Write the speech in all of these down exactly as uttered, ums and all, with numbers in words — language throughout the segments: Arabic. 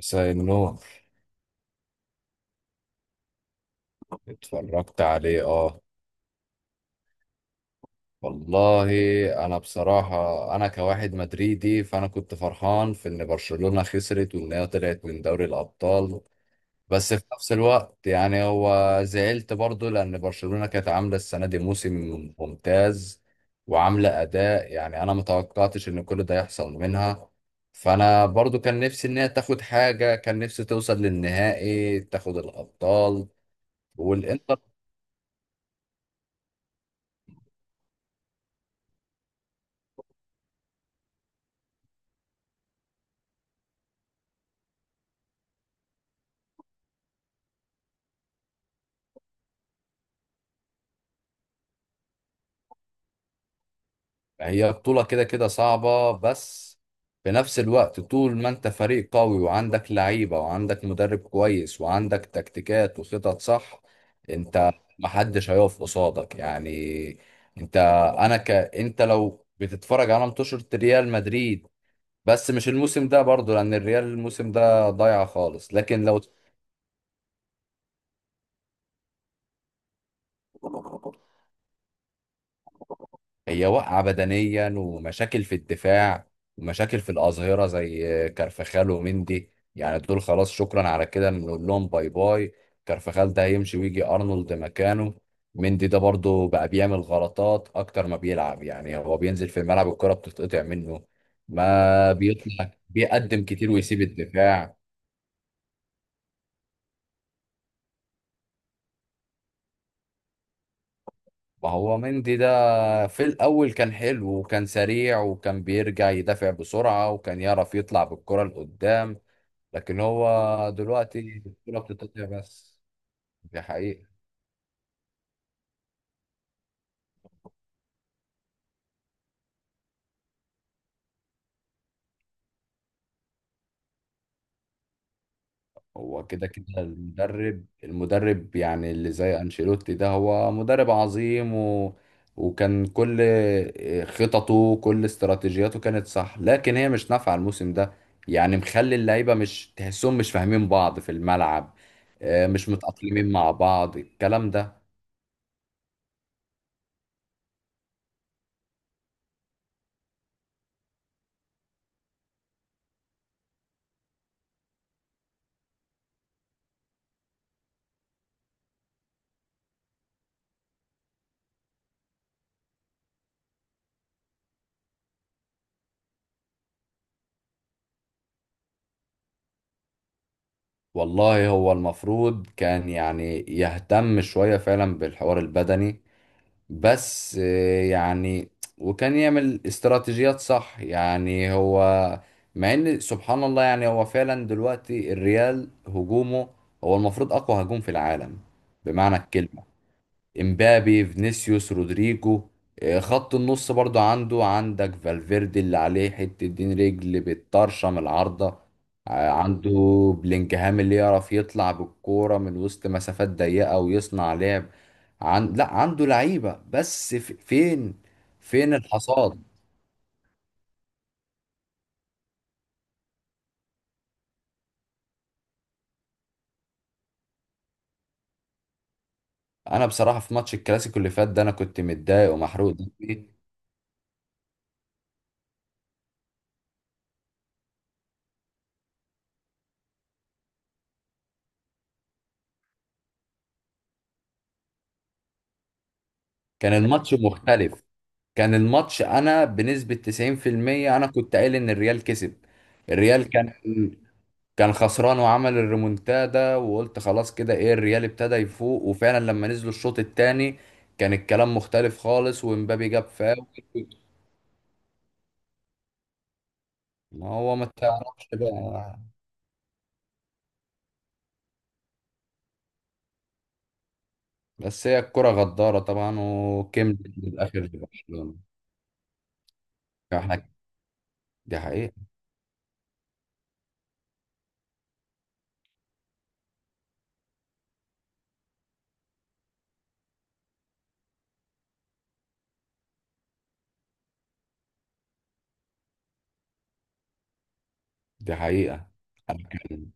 سايمنون. اتفرجت عليه، اه. والله، انا بصراحة انا كواحد مدريدي، فانا كنت فرحان في ان برشلونة خسرت وان هي طلعت من دوري الابطال. بس في نفس الوقت يعني هو زعلت برضو لان برشلونة كانت عاملة السنة دي موسم ممتاز وعاملة اداء، يعني انا متوقعتش ان كل ده يحصل منها. فانا برضو كان نفسي ان هي تاخد حاجة، كان نفسي توصل للنهائي تاخد الابطال والانتر. هي بطولة كده كده صعبة، بس في نفس الوقت طول ما انت فريق قوي وعندك لعيبة وعندك مدرب كويس وعندك تكتيكات وخطط صح، انت محدش هيقف قصادك يعني. انت انا ك انت لو بتتفرج على ماتشات ريال مدريد، بس مش الموسم ده برضو لان الريال الموسم ده ضايع خالص. لكن لو هي واقعة بدنيا ومشاكل في الدفاع ومشاكل في الأظهرة زي كارفخال ومندي، يعني دول خلاص شكرا على كده نقول لهم باي باي. كارفخال ده هيمشي ويجي أرنولد مكانه. مندي ده برضه بقى بيعمل غلطات أكتر ما بيلعب، يعني هو بينزل في الملعب الكرة بتتقطع منه، ما بيطلع بيقدم كتير ويسيب الدفاع. ما هو مندي ده في الأول كان حلو وكان سريع وكان بيرجع يدافع بسرعة وكان يعرف يطلع بالكرة لقدام، لكن هو دلوقتي البطولة بتتقطع بس. دي حقيقة. هو كده كده المدرب المدرب يعني اللي زي أنشيلوتي ده هو مدرب عظيم و... وكان كل خططه كل استراتيجياته كانت صح، لكن هي مش نافعة الموسم ده. يعني مخلي اللعيبة مش تحسهم مش فاهمين بعض في الملعب، آه، مش متأقلمين مع بعض الكلام ده. والله هو المفروض كان يعني يهتم شوية فعلا بالحوار البدني، بس آه، يعني وكان يعمل استراتيجيات صح. يعني هو مع ان سبحان الله يعني هو فعلا دلوقتي الريال هجومه هو المفروض اقوى هجوم في العالم بمعنى الكلمة: امبابي، فينيسيوس، رودريجو. آه، خط النص برضو عنده، عندك فالفيردي اللي عليه حتة دين رجل بتطرشم العارضة. آه، عنده بلينجهام اللي يعرف يطلع بالكورة من وسط مسافات ضيقة ويصنع لعب. عن... لا عنده لعيبة، بس في... فين، فين الحصاد؟ انا بصراحة في ماتش الكلاسيكو اللي فات ده انا كنت متضايق ومحروق دمي. كان الماتش مختلف. كان الماتش، انا بنسبة تسعين في المية انا كنت قايل ان الريال كسب. الريال كان كان خسران وعمل الريمونتادا، وقلت خلاص كده ايه الريال ابتدى يفوق، وفعلا لما نزلوا الشوط الثاني كان الكلام مختلف خالص ومبابي جاب فاول. ما هو ما تعرفش بقى. بس هي الكرة غدارة طبعا وكملت للآخر لبرشلونة. احنا. دي حقيقة. دي حقيقة. أنا بتكلم.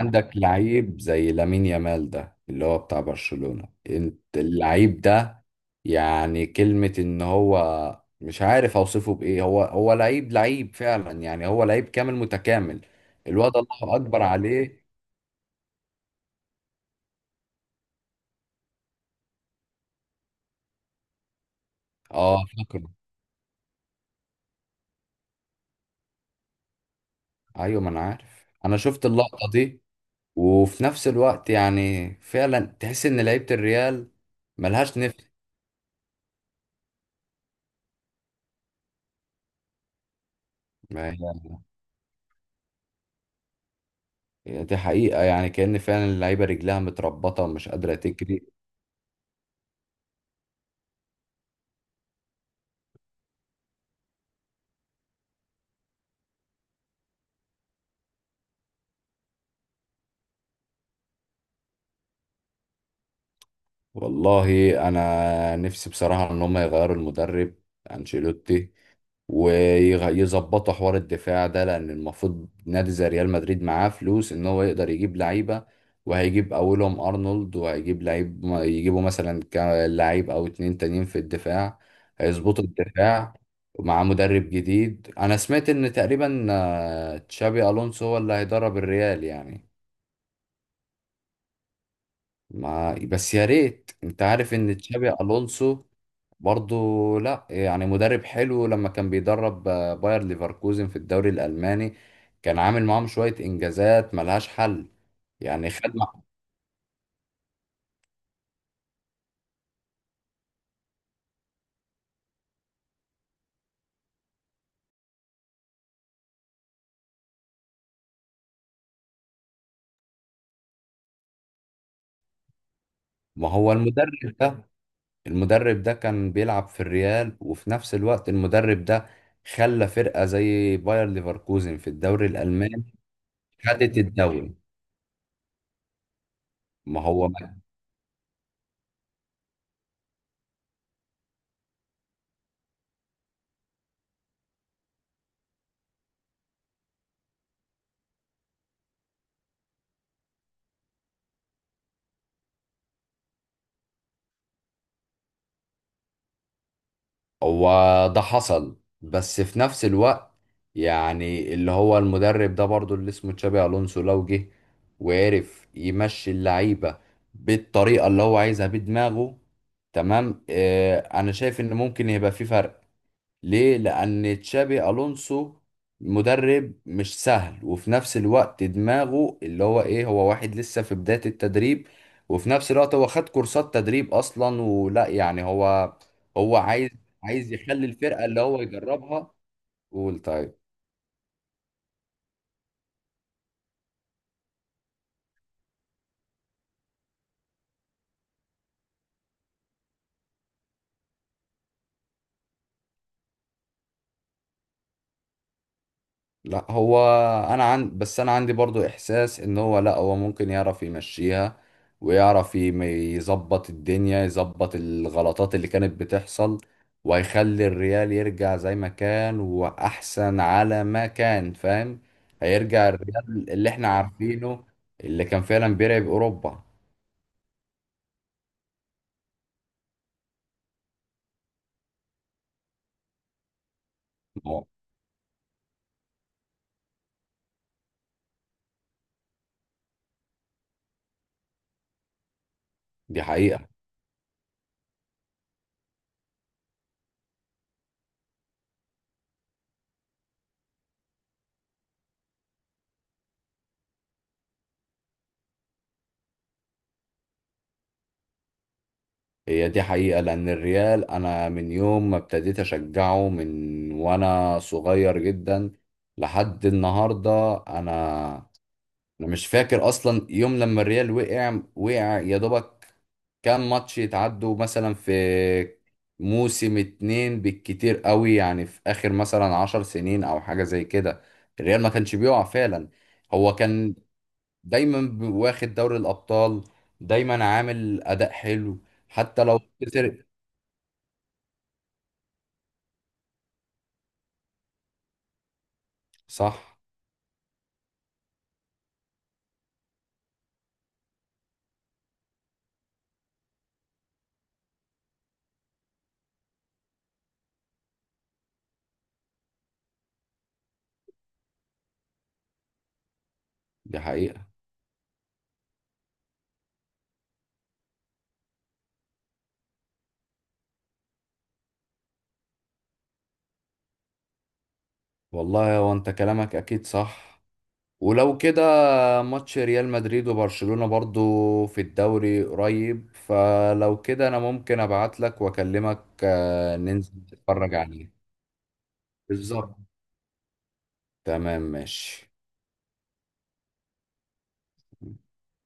عندك لعيب زي لامين يامال ده اللي هو بتاع برشلونة، انت اللعيب ده يعني كلمة ان هو مش عارف اوصفه بايه. هو هو لعيب لعيب فعلا، يعني هو لعيب كامل متكامل. الواد، الله اكبر عليه. اه فاكره. ايوه، ما انا عارف، انا شفت اللقطة دي. وفي نفس الوقت يعني فعلا تحس ان لعيبة الريال ملهاش نفس. ما هي- دي حقيقة، يعني كأن فعلا اللعيبة رجلها متربطة ومش قادرة تجري. والله انا نفسي بصراحه ان هم يغيروا المدرب انشيلوتي، ويظبطوا حوار الدفاع ده، لان المفروض نادي زي ريال مدريد معاه فلوس ان هو يقدر يجيب لعيبه. وهيجيب اولهم ارنولد، وهيجيب لعيب يجيبوا مثلا كا- لعيب او اتنين تانيين في الدفاع. هيظبطوا الدفاع مع مدرب جديد. انا سمعت ان تقريبا آه، تشابي الونسو هو اللي هيدرب الريال يعني. ما بس يا ريت، انت عارف ان تشابي الونسو برضو لا يعني مدرب حلو. لما كان بيدرب آه، باير ليفركوزن في الدوري الالماني كان عامل معاهم شوية انجازات ملهاش حل. يعني خد مع- ما هو المدرب ده، المدرب ده كان بيلعب في الريال، وفي نفس الوقت المدرب ده خلى فرقة زي باير ليفركوزن في الدوري الالماني خدت الدوري. ما هو، هو ده حصل. بس في نفس الوقت يعني اللي هو المدرب ده برضو اللي اسمه تشابي الونسو لو جه وعرف يمشي اللعيبه بالطريقه اللي هو عايزها بدماغه، تمام، آه، انا شايف ان ممكن يبقى في فرق. ليه؟ لأن تشابي ألونسو مدرب مش سهل، وفي نفس الوقت دماغه اللي هو إيه، هو واحد لسه في بداية التدريب، وفي نفس الوقت هو خد كورسات تدريب أصلا ولا، يعني هو هو عايز عايز يخلي الفرقة اللي هو يجربها. قول طيب. لا هو، انا عن بس انا عندي برضو احساس ان هو لا هو ممكن يعرف يمشيها، ويعرف يم- يظبط الدنيا، يظبط الغلطات اللي كانت بتحصل، وهيخلي الريال يرجع زي ما كان واحسن على ما كان، فاهم. هيرجع الريال اللي احنا عارفينه، اللي كان فعلا بيلعب اوروبا. ما هو دي حقيقة. هي دي حقيقة، لأن الريال أنا من يوم ما ابتديت أشجعه من وأنا صغير جدا لحد النهاردة، أنا أنا مش فاكر أصلا يوم لما الريال وقع. وقع يا دوبك كام ماتش يتعدوا مثلا في موسم اتنين بالكتير قوي، يعني في آخر مثلا عشر سنين أو حاجة زي كده الريال ما كانش بيقع فعلا. هو كان دايما واخد دوري الأبطال، دايما عامل أداء حلو حتى لو خسر. صح، دي حقيقة. والله هو انت كلامك اكيد صح. ولو كده ماتش ريال مدريد وبرشلونة برضو في الدوري قريب، فلو كده انا ممكن ابعت لك واكلمك، آه، ننزل نتفرج عليه. بالظبط، تمام، ماشي.